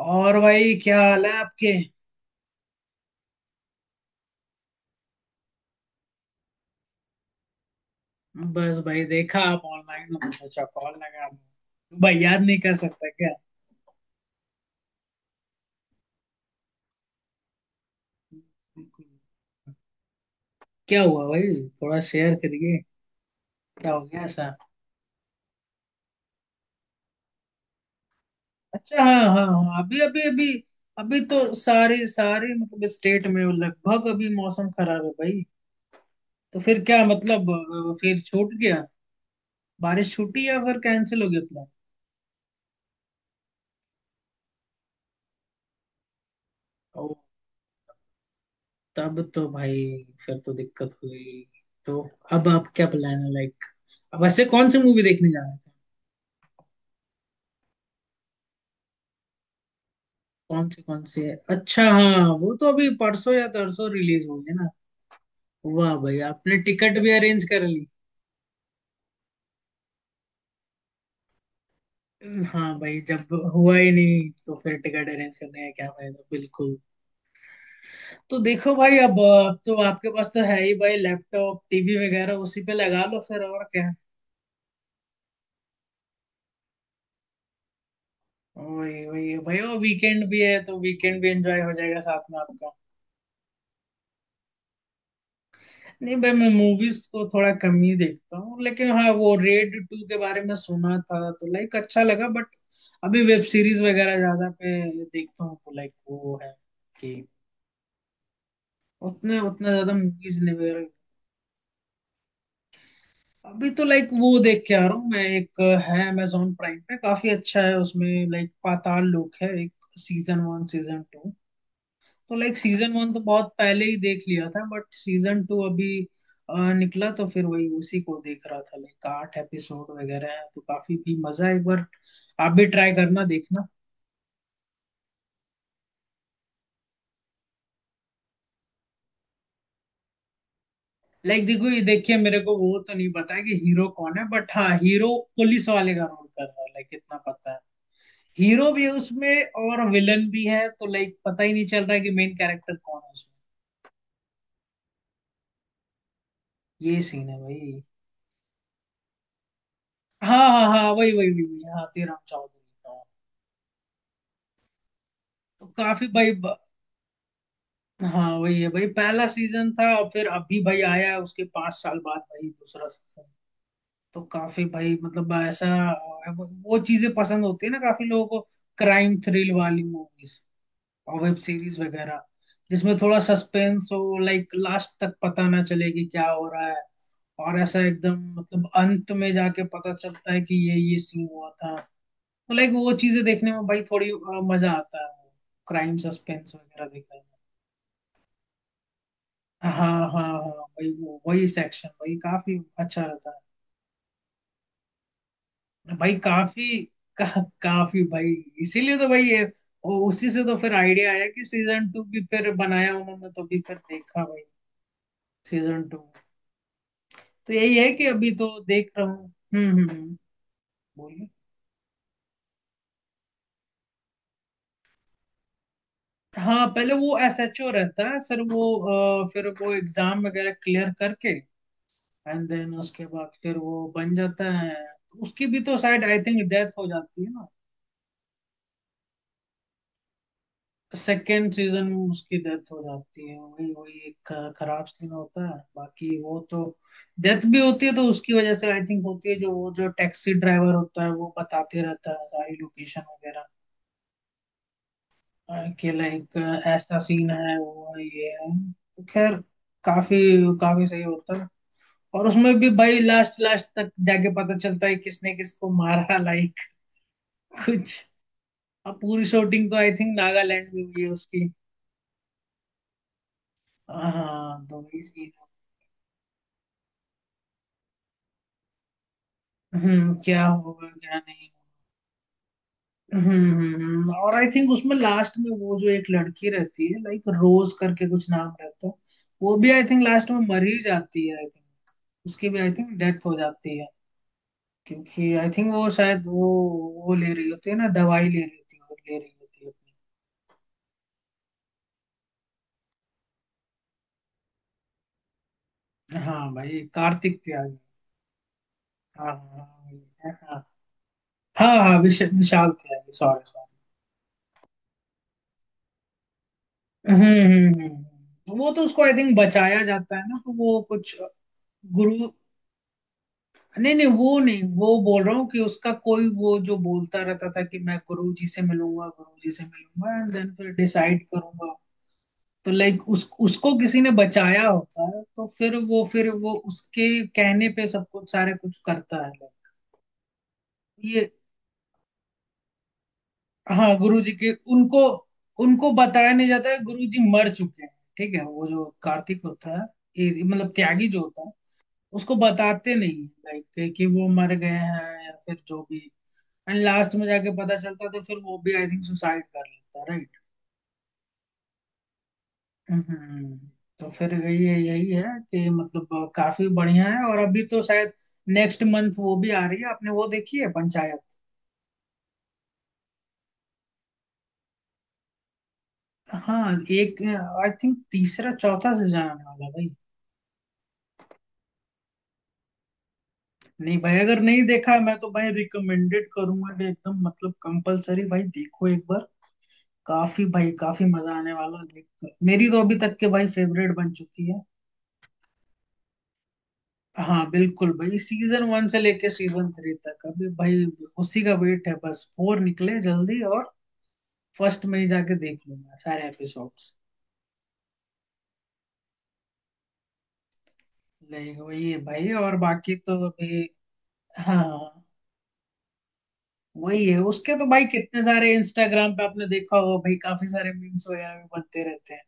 और भाई, क्या हाल है आपके? बस भाई, देखा आप ऑनलाइन हो तो सोचा कॉल लगा लूं। भाई याद नहीं कर सकता क्या? बिल्कुल। क्या हुआ भाई? थोड़ा शेयर करिए। क्या हो गया ऐसा? अच्छा, हाँ हाँ हाँ, अभी अभी अभी। अभी तो सारी सारी मतलब स्टेट में लगभग अभी मौसम खराब है भाई। तो फिर क्या मतलब, फिर छूट गया। बारिश छूटी या फिर कैंसिल हो गया प्लान? तब तो भाई फिर तो दिक्कत हुई तो। अब आप क्या प्लान है, लाइक, अब ऐसे कौन से मूवी देखने जा रहे थे? कौन से कौन से? अच्छा हाँ, वो तो अभी परसों या तरसों रिलीज होंगे ना। वाह भाई, आपने टिकट भी अरेंज कर ली! हाँ भाई, जब हुआ ही नहीं तो फिर टिकट अरेंज करने का क्या फायदा, बिल्कुल। तो देखो भाई, अब तो आपके पास तो है ही भाई, लैपटॉप टीवी वगैरह, उसी पे लगा लो फिर, और क्या। वही वही भाई, वो वीकेंड भी है तो वीकेंड भी एंजॉय हो जाएगा साथ में आपका। नहीं भाई, मैं मूवीज को थोड़ा कम ही देखता हूँ, लेकिन हाँ वो रेड टू के बारे में सुना था तो लाइक अच्छा लगा, बट अभी वेब सीरीज वगैरह ज्यादा पे देखता हूँ तो लाइक वो है कि उतने उतना ज्यादा मूवीज नहीं वगैरह। अभी तो लाइक वो देख के आ रहा हूँ मैं, एक है, अमेजोन प्राइम पे काफी अच्छा है उसमें, लाइक पाताल लोक है एक, सीजन वन सीजन टू। तो लाइक सीजन वन तो बहुत पहले ही देख लिया था बट सीजन टू अभी निकला तो फिर वही उसी को देख रहा था। लाइक 8 एपिसोड वगैरह हैं तो काफी भी मजा है, एक बार आप भी ट्राई करना, देखना। लाइक देखो, ये देखिए, मेरे को वो तो नहीं पता है कि हीरो कौन है, बट हाँ हीरो पुलिस वाले का रोल कर रहा है, लाइक इतना पता है। हीरो भी है उसमें और विलन भी है तो लाइक पता ही नहीं चल रहा है कि मेन कैरेक्टर कौन है उसमें। ये सीन है भाई। हाँ हाँ हाँ, वही वही वही वही, हाँ, तेराम चौधरी का। तो काफी भाई। हाँ वही है भाई, पहला सीजन था और फिर अभी भाई आया है उसके 5 साल बाद भाई, दूसरा सीजन। तो काफी भाई, मतलब ऐसा वो चीजें पसंद होती है ना काफी लोगों को, क्राइम थ्रिल वाली मूवीज और वेब सीरीज वगैरह, जिसमें थोड़ा सस्पेंस हो, लाइक लास्ट तक पता ना चले कि क्या हो रहा है। और ऐसा एकदम मतलब अंत में जाके पता चलता है कि ये सीन हुआ था। तो लाइक वो चीजें देखने में भाई थोड़ी मजा आता है, क्राइम सस्पेंस वगैरह देखने में। हाँ हाँ हाँ, वही सेक्शन भाई काफी अच्छा रहता है भाई, काफी का, काफी भाई। इसीलिए तो भाई ये, और उसी से तो फिर आइडिया आया कि सीजन टू भी फिर बनाया उन्होंने, तो भी फिर देखा भाई सीजन टू। तो यही है कि अभी तो देख रहा हूँ। हम्म हम्म हम्म, बोलिए। हाँ, पहले वो एसएचओ रहता है, फिर वो एग्जाम वगैरह क्लियर करके एंड देन उसके बाद फिर वो बन जाता है। उसकी भी तो शायद आई थिंक डेथ हो जाती है। सेकेंड सीजन में उसकी डेथ हो जाती है, वही वही, एक खराब सीन होता है, बाकी वो तो डेथ भी होती है तो उसकी वजह से आई थिंक होती है, जो वो जो टैक्सी ड्राइवर होता है वो बताते रहता है सारी लोकेशन वगैरह। कि लाइक ऐसा सीन है, वो है, ये है, तो खैर काफी काफी सही होता है। और उसमें भी भाई लास्ट लास्ट तक जाके पता चलता है किसने किसको मारा लाइक कुछ। अब पूरी शूटिंग तो आई थिंक नागालैंड में हुई है उसकी। हाँ तो वही सीन। हम्म, क्या होगा क्या नहीं। और आई थिंक उसमें लास्ट में वो जो एक लड़की रहती है, लाइक रोज करके कुछ नाम रहता है, वो भी आई थिंक लास्ट में मर ही जाती है, आई थिंक। उसकी भी आई थिंक डेथ हो जाती है। क्योंकि आई थिंक वो शायद वो ले रही होती है ना दवाई, ले रही होती है और ले रही होती है अपनी। हाँ भाई कार्तिक त्यागी। हाँ हाँ। हाँ हाँ। हाँ हाँ, विशाल त्यागी, सॉरी सॉरी। हम्म हम्म हम्म, वो तो उसको आई थिंक बचाया जाता है ना, तो वो कुछ, गुरु। नहीं नहीं, वो नहीं, वो बोल रहा हूँ कि उसका कोई वो, जो बोलता रहता था कि मैं गुरु जी से मिलूंगा, गुरु जी से मिलूंगा, एंड देन फिर डिसाइड करूंगा। तो लाइक उस उसको किसी ने बचाया होता है, तो फिर वो उसके कहने पे सब कुछ सारे कुछ करता है। ये, हाँ गुरु जी के, उनको, उनको बताया नहीं जाता है गुरु जी मर चुके हैं। ठीक है, वो जो कार्तिक होता है, मतलब त्यागी जो होता है, उसको बताते नहीं लाइक कि वो मर गए हैं या फिर जो भी। एंड लास्ट में जाके पता चलता तो फिर वो भी आई थिंक सुसाइड कर लेता, राइट। हम्म। तो फिर यही है कि मतलब, काफी बढ़िया है। और अभी तो शायद नेक्स्ट मंथ वो भी आ रही है, आपने वो देखी है पंचायत? हाँ एक, आई थिंक तीसरा चौथा सीजन आने वाला है भाई। नहीं भाई, अगर नहीं देखा है, मैं तो भाई रिकमेंडेड करूंगा कि एकदम मतलब कंपलसरी भाई देखो एक बार, काफी भाई, काफी मजा आने वाला है देख कर। मेरी तो अभी तक के भाई फेवरेट बन चुकी है। हाँ बिल्कुल भाई, सीजन वन से लेके सीजन थ्री तक अभी भाई, उसी का वेट है, बस फोर निकले जल्दी और फर्स्ट में ही जाके देख लूंगा सारे एपिसोड्स। लाइक वही है भाई, और बाकी तो अभी। हाँ वही है, उसके तो भाई कितने सारे, इंस्टाग्राम पे आपने देखा होगा भाई, काफी सारे मीम्स वगैरह भी बनते रहते हैं।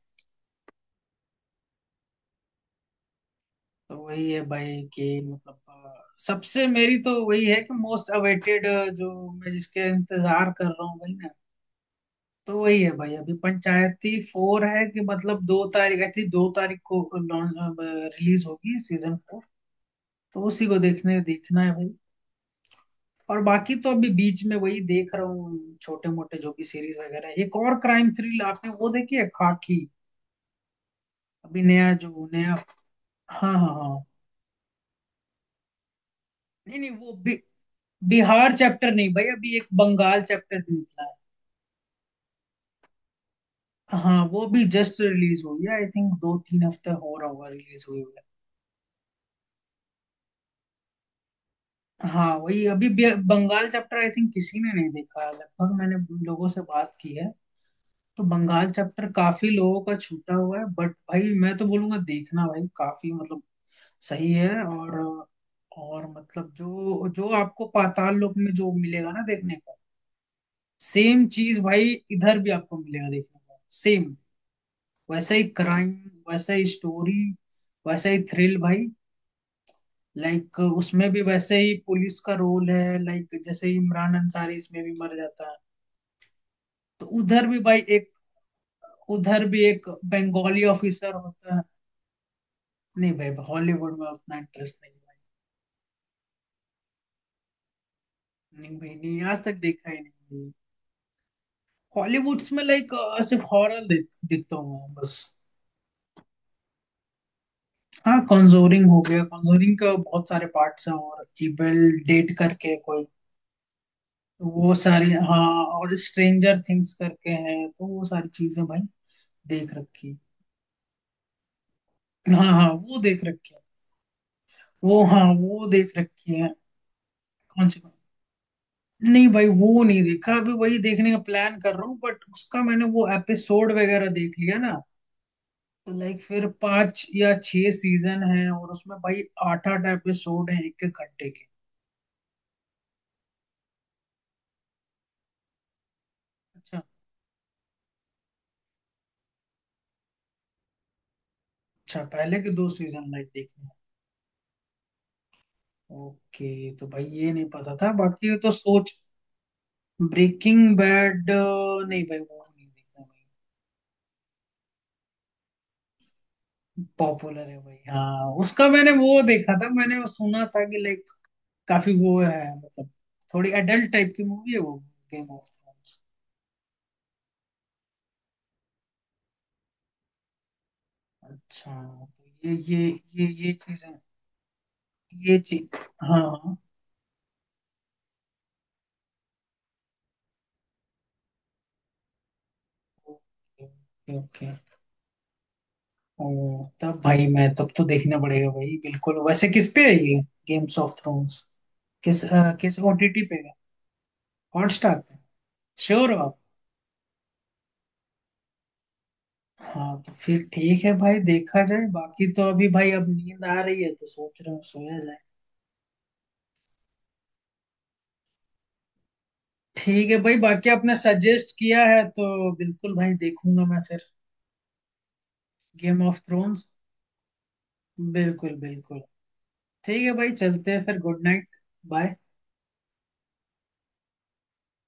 तो वही है भाई कि मतलब, सबसे मेरी तो वही है कि मोस्ट अवेटेड, जो मैं जिसके इंतजार कर रहा हूँ भाई। तो वही है भाई, अभी पंचायती फोर है कि मतलब 2 तारीख आई थी, 2 तारीख को रिलीज होगी सीजन फोर, तो उसी को देखने देखना है भाई। और बाकी तो अभी बीच में वही देख रहा हूँ छोटे मोटे जो भी सीरीज वगैरह है, एक और क्राइम थ्रिल, आपने वो देखी है खाकी, अभी नया जो नया? हाँ हाँ हाँ। नहीं नहीं, वो बिहार चैप्टर नहीं भाई, अभी एक बंगाल चैप्टर निकला है। हाँ वो भी जस्ट रिलीज हुई है, आई थिंक 2-3 हफ्ते हो रहा होगा रिलीज हुई। हाँ वही, अभी बंगाल चैप्टर आई थिंक किसी ने नहीं देखा है लगभग, मैंने लोगों से बात की है, तो बंगाल चैप्टर काफी लोगों का छूटा हुआ है, बट भाई मैं तो बोलूंगा देखना भाई, काफी मतलब सही है। और मतलब जो जो आपको पाताल लोक में जो मिलेगा ना देखने को, सेम चीज भाई इधर भी आपको मिलेगा देखने को, सेम वैसा ही क्राइम, वैसा ही स्टोरी, वैसा ही थ्रिल भाई। लाइक उसमें भी वैसे ही पुलिस का रोल है, लाइक जैसे इमरान अंसारी इसमें भी मर जाता है। तो उधर भी भाई एक, उधर भी एक बंगाली ऑफिसर होता है। नहीं भाई, हॉलीवुड में उतना इंटरेस्ट नहीं है। भाई नहीं भाई नहीं, आज तक देखा ही नहीं। हॉलीवुड्स में लाइक सिर्फ हॉरर देखता हूँ मैं, बस। हाँ, कॉन्जोरिंग हो गया, कॉन्जोरिंग का बहुत सारे पार्ट्स हैं, और इविल डेट करके कोई, तो वो सारी, हाँ। और स्ट्रेंजर थिंग्स करके हैं, तो वो सारी चीजें भाई देख रखी। हाँ हाँ, वो देख रखी है। वो, हाँ वो देख रखी है। कौन सी कौन? नहीं भाई वो नहीं देखा, अभी वही देखने का प्लान कर रहा हूँ, बट उसका मैंने वो एपिसोड वगैरह देख लिया ना, लाइक फिर 5 या 6 सीजन है और उसमें भाई आठ आठ एपिसोड है एक एक घंटे के। अच्छा अच्छा, पहले के दो सीजन लाइक देखने हैं। ओके, तो भाई ये नहीं पता था, बाकी तो सोच। ब्रेकिंग बैड नहीं भाई, वो नहीं देखा भाई। पॉपुलर है भाई, हाँ उसका मैंने वो देखा था, मैंने वो सुना था कि like काफी वो है मतलब, थोड़ी एडल्ट टाइप की मूवी है वो, गेम ऑफ थ्रोन्स। अच्छा, तो ये चीजें, ये चीज, हाँ, ओके ओके। ओ तब भाई, मैं तब तो देखना पड़ेगा भाई, बिल्कुल। वैसे किस पे है ये गेम्स ऑफ थ्रोन्स, किस ओटीटी पे है? हॉटस्टार पे? श्योर हो आप? हाँ, तो फिर ठीक है भाई, देखा जाए। बाकी तो अभी भाई अब नींद आ रही है तो सोच रहा हूँ सोया जाए। ठीक है भाई, बाकी आपने सजेस्ट किया है तो बिल्कुल भाई देखूंगा मैं फिर, गेम ऑफ थ्रोन्स, बिल्कुल बिल्कुल। ठीक है भाई, चलते हैं फिर, गुड नाइट। बाय।